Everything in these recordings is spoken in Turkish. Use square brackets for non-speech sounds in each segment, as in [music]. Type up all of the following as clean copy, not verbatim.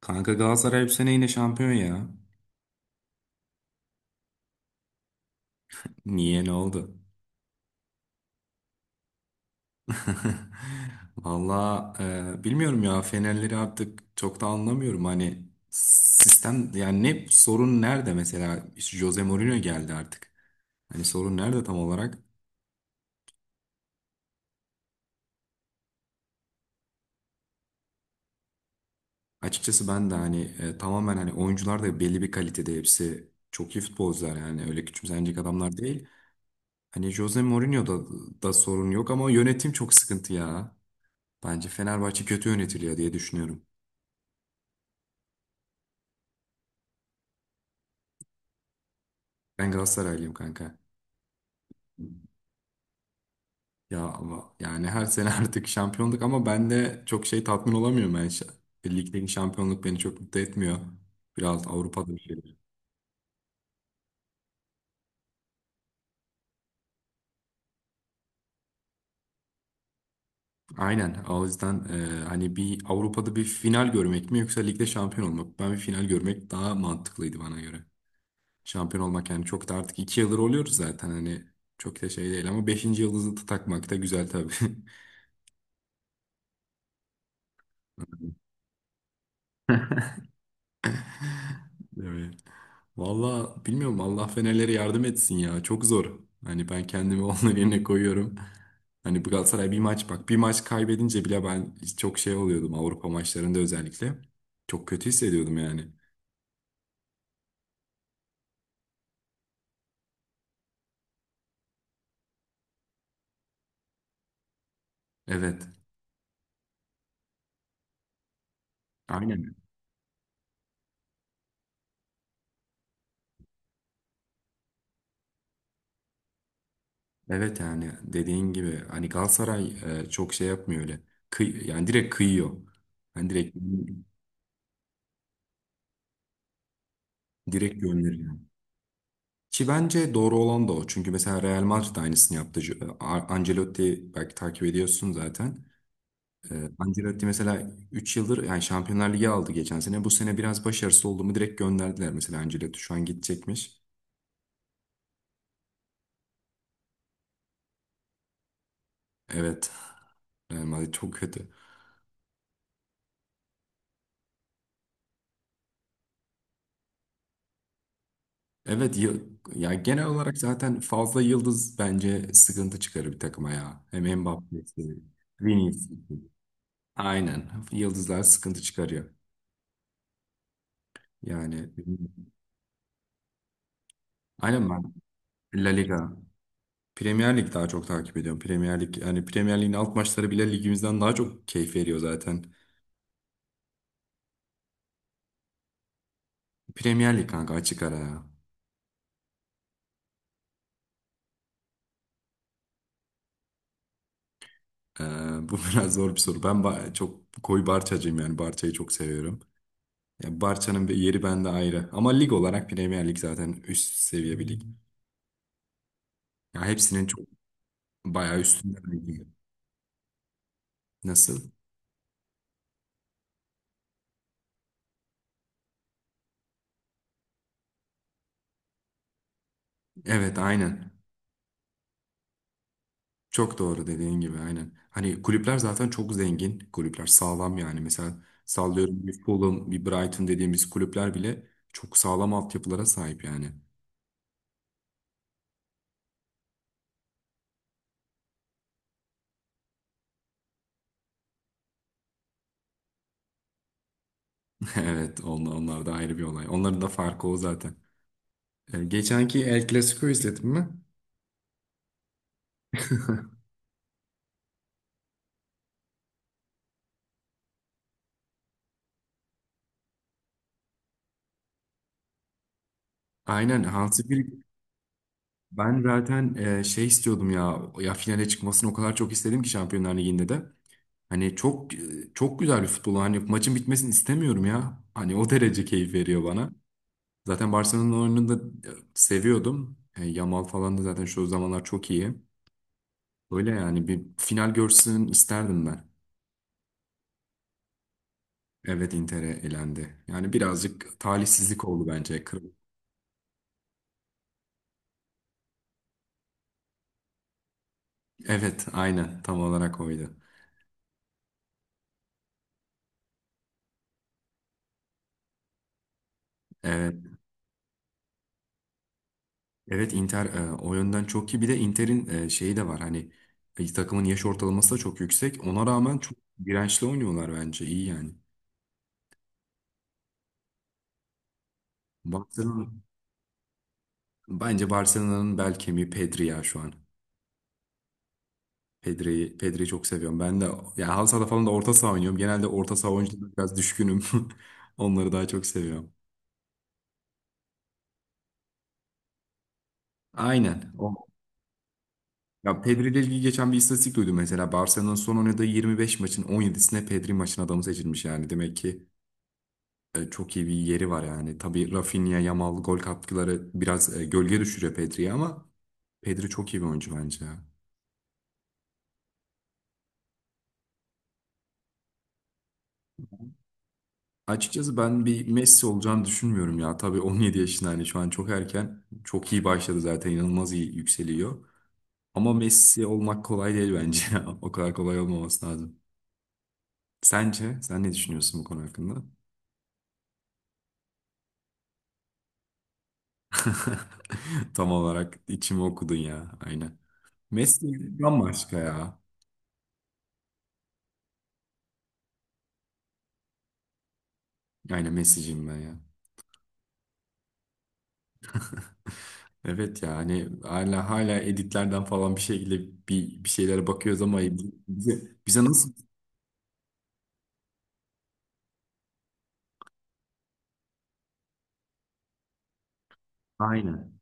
Kanka Galatasaray bu sene yine şampiyon ya. Niye ne oldu? [laughs] Valla bilmiyorum ya Fenerleri artık çok da anlamıyorum. Hani sistem yani ne sorun nerede mesela İşte Jose Mourinho geldi artık. Hani sorun nerede tam olarak? Açıkçası ben de hani tamamen, hani oyuncular da belli bir kalitede, hepsi çok iyi futbolcular yani öyle küçümsenecek adamlar değil. Hani Jose Mourinho'da da sorun yok ama yönetim çok sıkıntı ya. Bence Fenerbahçe kötü yönetiliyor diye düşünüyorum. Ben Galatasaraylıyım kanka. Ya ama yani her sene [laughs] artık şampiyonluk, ama ben de çok şey tatmin olamıyorum. Ligdeki şampiyonluk beni çok mutlu etmiyor. Biraz Avrupa'da bir şeyler. Aynen. O yüzden hani bir Avrupa'da bir final görmek mi yoksa ligde şampiyon olmak mı? Ben bir final görmek daha mantıklıydı bana göre. Şampiyon olmak yani çok da, artık 2 yıldır oluyoruz zaten hani, çok da şey değil, ama beşinci yıldızı da takmak da güzel tabii. [laughs] Evet. Valla bilmiyorum, Allah Fenerlere yardım etsin ya. Çok zor. Hani ben kendimi [laughs] onların yerine koyuyorum. Hani bu Galatasaray bir maç, bak bir maç kaybedince bile ben çok şey oluyordum Avrupa maçlarında özellikle. Çok kötü hissediyordum yani. Evet. Aynen. Evet yani dediğin gibi hani Galatasaray çok şey yapmıyor öyle. Kıy yani direkt kıyıyor. Hani direkt gönderiyor. Ki bence doğru olan da o. Çünkü mesela Real Madrid de aynısını yaptı. Ancelotti belki takip ediyorsun zaten. Ancelotti mesela 3 yıldır, yani Şampiyonlar Ligi aldı geçen sene. Bu sene biraz başarısız oldu mu direkt gönderdiler, mesela Ancelotti şu an gidecekmiş. Evet. Real Madrid çok kötü. Evet. Ya genel olarak zaten fazla yıldız bence sıkıntı çıkarır bir takıma ya. Hem Mbappe'si, Vinicius. Aynen. Yıldızlar sıkıntı çıkarıyor. Yani aynen, ben La Liga Premier Lig daha çok takip ediyorum. Premier Lig, yani Premier Lig'in alt maçları bile ligimizden daha çok keyif veriyor zaten. Premier Lig kanka, açık ara ya. Bu [laughs] biraz zor bir soru. Çok koyu Barçacıyım, yani Barça'yı çok seviyorum. Ya Barça'nın bir yeri bende ayrı. Ama lig olarak Premier Lig zaten üst seviye bir lig. Ya hepsinin çok bayağı üstünde bir lig. Nasıl? Evet aynen. Çok doğru, dediğin gibi aynen. Hani kulüpler zaten çok zengin kulüpler, sağlam yani. Mesela sallıyorum, bir Fulham, bir Brighton dediğimiz kulüpler bile çok sağlam altyapılara sahip yani. [laughs] Evet, onlar da ayrı bir olay. Onların da farkı o zaten. Geçenki El Clasico izledin mi? [laughs] Aynen Hansi Flick, ben zaten şey istiyordum ya, ya finale çıkmasını o kadar çok istedim ki Şampiyonlar Ligi'nde de. Hani çok çok güzel bir futbol, hani maçın bitmesini istemiyorum ya. Hani o derece keyif veriyor bana. Zaten Barcelona'nın oyununu da seviyordum. Yamal falan da zaten şu zamanlar çok iyi. Öyle yani, bir final görsün isterdim ben. Evet, Inter'e elendi. Yani birazcık talihsizlik oldu bence. Evet aynen, tam olarak oydu. Evet, evet, Inter o yönden çok iyi. Bir de Inter'in şeyi de var, hani takımın yaş ortalaması da çok yüksek. Ona rağmen çok dirençli oynuyorlar, bence iyi yani. Barcelona, bence Barcelona'nın bel kemiği Pedri ya şu an. Pedri'yi çok seviyorum. Ben de yani halı sahada falan da orta saha oynuyorum. Genelde orta saha oyuncularına biraz düşkünüm. [laughs] Onları daha çok seviyorum. Aynen. O. Ya Pedri ile ilgili geçen bir istatistik duydum mesela. Barcelona'nın son oynadığı 25 maçın 17'sine Pedri maçın adamı seçilmiş yani. Demek ki çok iyi bir yeri var yani. Tabii Rafinha, Yamal gol katkıları biraz gölge düşürüyor Pedri'yi, ama Pedri çok iyi bir oyuncu bence ya. Açıkçası ben bir Messi olacağını düşünmüyorum ya. Tabii 17 yaşında, hani şu an çok erken. Çok iyi başladı zaten. İnanılmaz iyi yükseliyor. Ama Messi olmak kolay değil bence. [laughs] O kadar kolay olmaması lazım. Sence? Sen ne düşünüyorsun bu konu hakkında? [laughs] Tam olarak içimi okudun ya. Aynen. Messi bambaşka ya. Aynen Messi'ciyim ben ya. Evet ya, hani hala editlerden falan bir şekilde bir şeylere bakıyoruz ama bize nasıl? Aynen.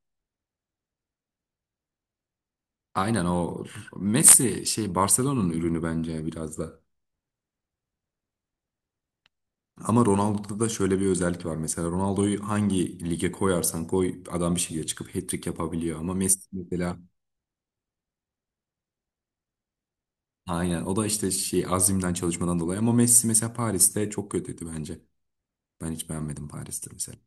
Aynen, o Messi şey Barcelona'nın ürünü bence biraz da. Ama Ronaldo'da da şöyle bir özellik var. Mesela Ronaldo'yu hangi lige koyarsan koy, adam bir şekilde çıkıp hat-trick yapabiliyor. Ama Messi mesela, aynen o da işte şey azimden çalışmadan dolayı. Ama Messi mesela Paris'te çok kötüydü bence. Ben hiç beğenmedim Paris'te mesela.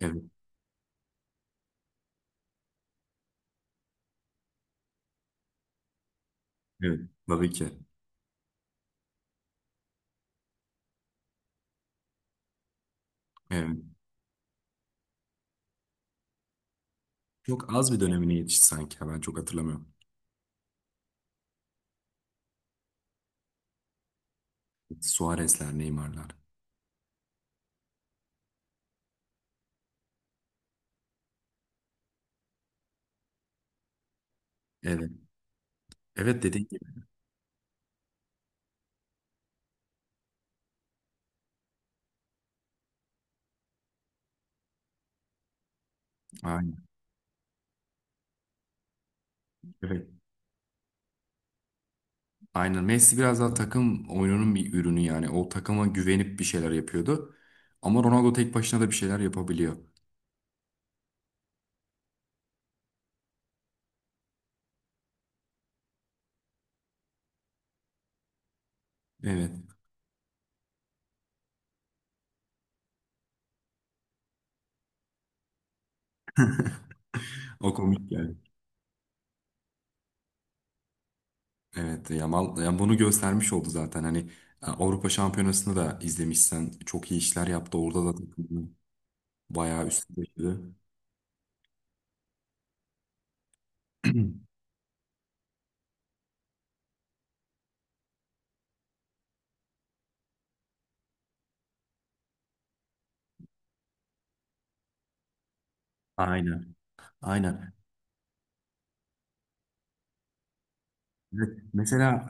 Evet. Evet. Tabii ki. Evet. Çok az bir dönemine yetişti sanki. Ya. Ben çok hatırlamıyorum. Suarez'ler, Neymar'lar. Evet. Evet, dediğin gibi. Aynen. Evet. Aynen, Messi biraz daha takım oyununun bir ürünü yani. O takıma güvenip bir şeyler yapıyordu. Ama Ronaldo tek başına da bir şeyler yapabiliyor. Evet. O komik yani. Evet, Yamal yani bunu göstermiş oldu zaten. Hani Avrupa Şampiyonası'nı da izlemişsen, çok iyi işler yaptı. Orada da takımını bayağı üstüne taşıdı. [clears throat] Aynen. Aynen. Evet, mesela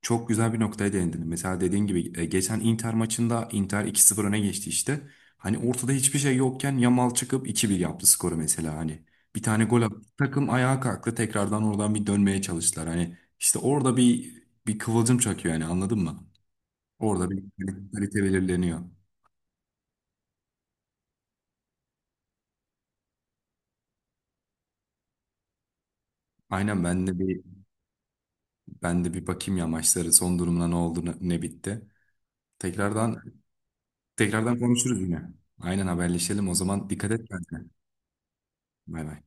çok güzel bir noktaya değindin. Mesela dediğin gibi geçen Inter maçında Inter 2-0 öne geçti işte. Hani ortada hiçbir şey yokken Yamal çıkıp 2-1 yaptı skoru mesela hani. Bir tane gol attı. Takım ayağa kalktı. Tekrardan oradan bir dönmeye çalıştılar. Hani işte orada bir kıvılcım çakıyor yani, anladın mı? Orada bir kalite belirleniyor. Aynen, ben de bir bakayım ya maçları, son durumuna ne oldu, ne ne bitti. Tekrardan tekrardan konuşuruz yine. Aynen, haberleşelim o zaman. Dikkat et kendine. Bay bay.